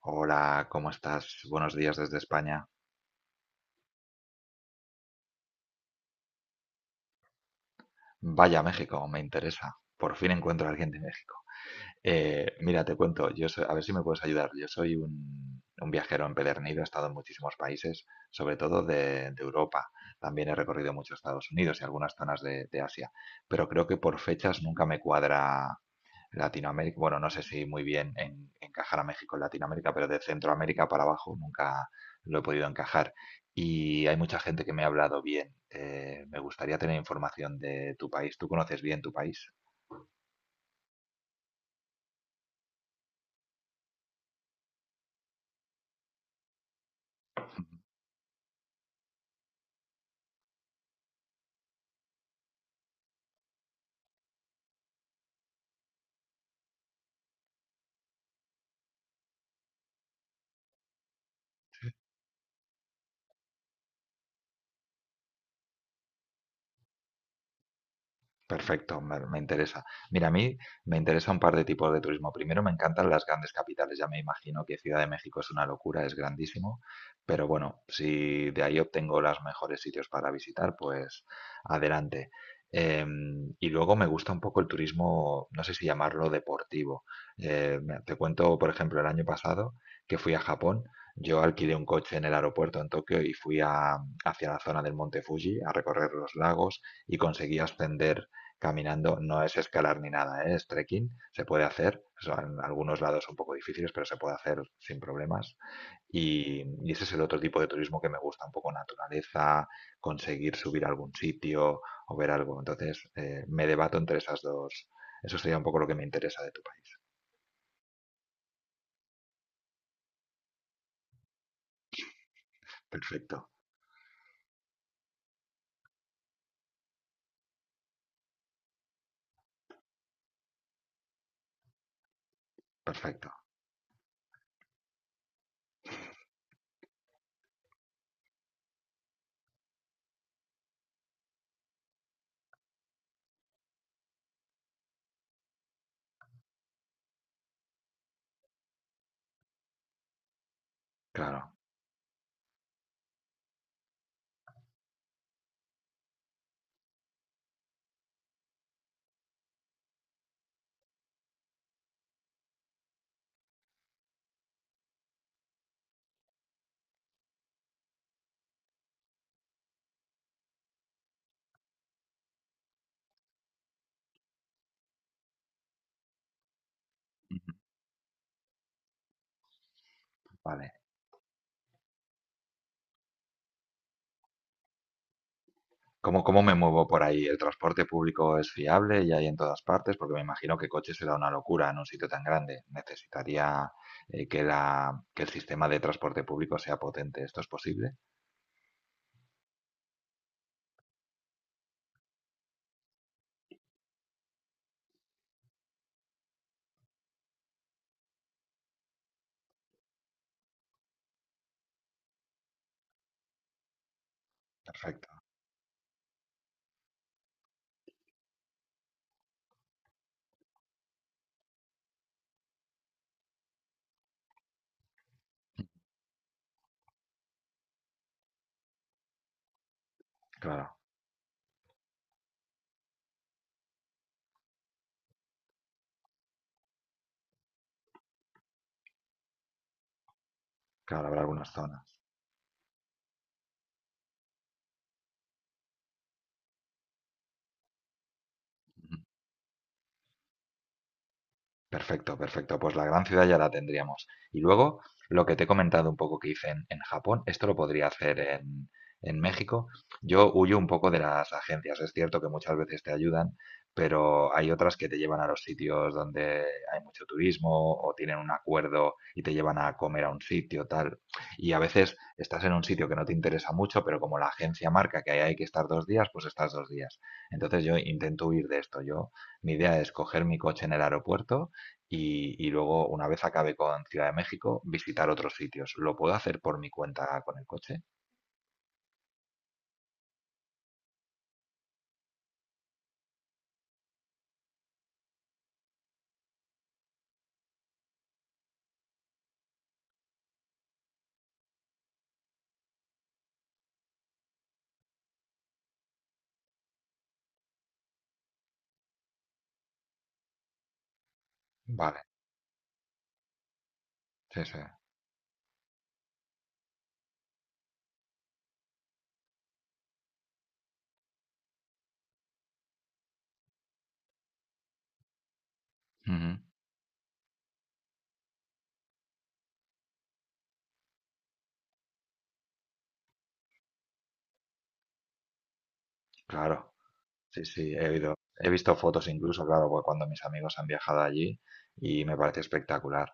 Hola, ¿cómo estás? Buenos días desde España. Vaya, México, me interesa. Por fin encuentro a alguien de México. Mira, te cuento, a ver si me puedes ayudar. Yo soy un viajero empedernido, he estado en muchísimos países, sobre todo de Europa. También he recorrido mucho Estados Unidos y algunas zonas de Asia, pero creo que por fechas nunca me cuadra Latinoamérica, bueno, no sé si muy bien encajar a México en Latinoamérica, pero de Centroamérica para abajo nunca lo he podido encajar. Y hay mucha gente que me ha hablado bien. Me gustaría tener información de tu país. ¿Tú conoces bien tu país? Perfecto, me interesa. Mira, a mí me interesa un par de tipos de turismo. Primero, me encantan las grandes capitales. Ya me imagino que Ciudad de México es una locura, es grandísimo. Pero bueno, si de ahí obtengo los mejores sitios para visitar, pues adelante. Y luego me gusta un poco el turismo, no sé si llamarlo deportivo. Te cuento, por ejemplo, el año pasado que fui a Japón. Yo alquilé un coche en el aeropuerto en Tokio y hacia la zona del Monte Fuji a recorrer los lagos y conseguí ascender caminando, no es escalar ni nada, ¿eh? Es trekking, se puede hacer, son algunos lados un poco difíciles, pero se puede hacer sin problemas. Y ese es el otro tipo de turismo que me gusta, un poco naturaleza, conseguir subir a algún sitio o ver algo. Entonces, me debato entre esas dos. Eso sería un poco lo que me interesa de tu país. Perfecto, perfecto, claro, vale. ¿Cómo me muevo por ahí? ¿El transporte público es fiable y hay en todas partes? Porque me imagino que coche será una locura en un sitio tan grande. Necesitaría que la, que el sistema de transporte público sea potente. ¿Esto es posible? Perfecto. Claro, claro, habrá algunas zonas. Perfecto, perfecto. Pues la gran ciudad ya la tendríamos. Y luego, lo que te he comentado un poco que hice en, Japón, esto lo podría hacer en México. Yo huyo un poco de las agencias. Es cierto que muchas veces te ayudan, pero hay otras que te llevan a los sitios donde hay mucho turismo o tienen un acuerdo y te llevan a comer a un sitio, tal. Y a veces estás en un sitio que no te interesa mucho, pero como la agencia marca que ahí hay que estar 2 días, pues estás 2 días. Entonces yo intento huir de esto. Yo, mi idea es coger mi coche en el aeropuerto y luego, una vez acabe con Ciudad de México, visitar otros sitios. ¿Lo puedo hacer por mi cuenta con el coche? Vale, sí, sí. Ujú. Claro, sí, sí, he visto fotos incluso, claro, porque cuando mis amigos han viajado allí y me parece espectacular.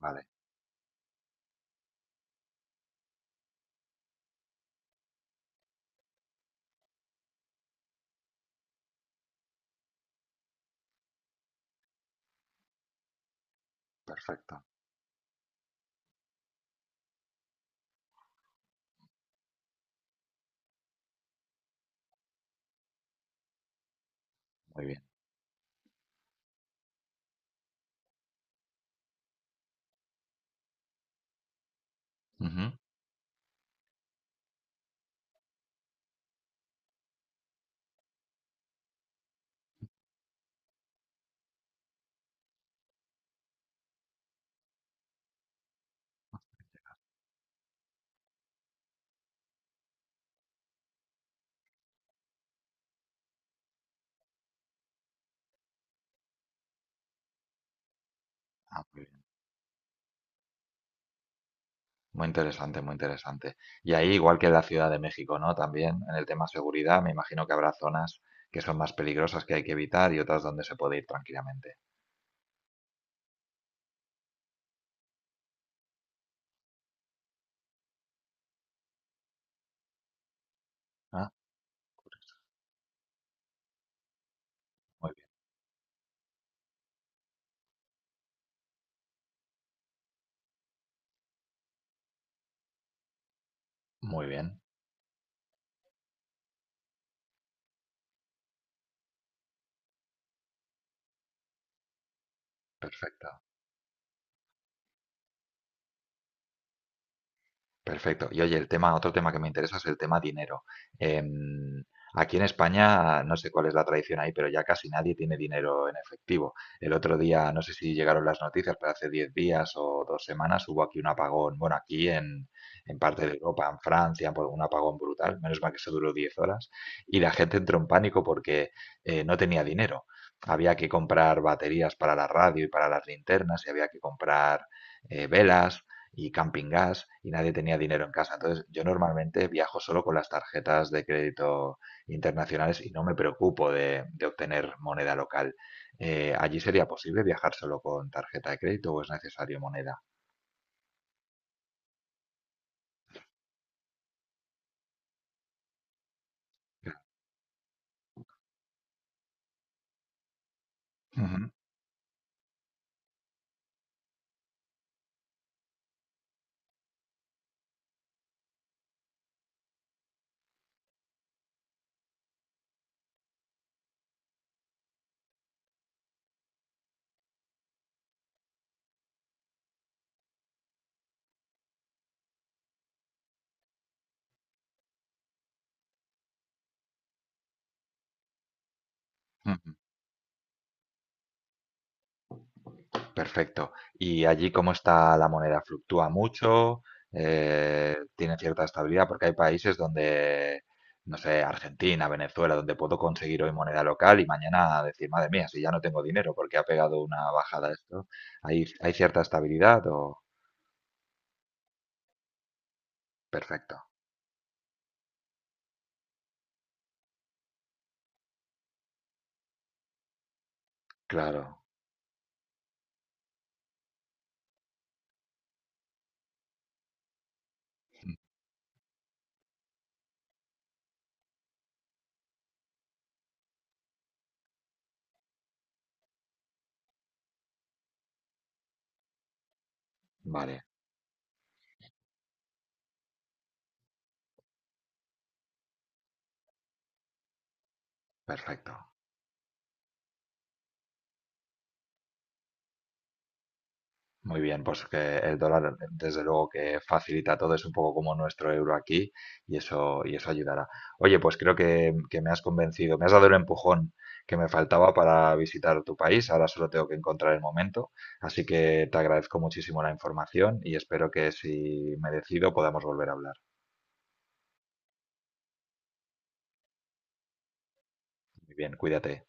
Vale, perfecto, muy bien. Ujú. Ah, muy bien. Muy interesante, muy interesante. Y ahí, igual que en la Ciudad de México, ¿no? También en el tema seguridad, me imagino que habrá zonas que son más peligrosas que hay que evitar y otras donde se puede ir tranquilamente. Ah, muy bien, muy bien. Perfecto, perfecto. Y oye, el tema, otro tema que me interesa es el tema dinero. Em, Aquí en España, no sé cuál es la tradición ahí, pero ya casi nadie tiene dinero en efectivo. El otro día, no sé si llegaron las noticias, pero hace 10 días o 2 semanas hubo aquí un apagón. Bueno, aquí en, parte de Europa, en Francia, por un apagón brutal. Menos mal que eso duró 10 horas. Y la gente entró en pánico porque no tenía dinero. Había que comprar baterías para la radio y para las linternas y había que comprar velas y camping gas y nadie tenía dinero en casa. Entonces, yo normalmente viajo solo con las tarjetas de crédito internacionales y no me preocupo de obtener moneda local. ¿Allí sería posible viajar solo con tarjeta de crédito o es necesario moneda? Ujú, ujú. Perfecto. ¿Y allí cómo está la moneda? ¿Fluctúa mucho? ¿Tiene cierta estabilidad? Porque hay países donde, no sé, Argentina, Venezuela, donde puedo conseguir hoy moneda local y mañana decir, madre mía, si ya no tengo dinero porque ha pegado una bajada esto. ¿Hay cierta estabilidad o...? Perfecto. Claro. Vale. Perfecto. Muy bien, pues que el dólar desde luego que facilita todo, es un poco como nuestro euro aquí y eso ayudará. Oye, pues creo que me has convencido, me has dado el empujón que me faltaba para visitar tu país, ahora solo tengo que encontrar el momento, así que te agradezco muchísimo la información y espero que si me decido podamos volver a hablar. Muy bien, cuídate.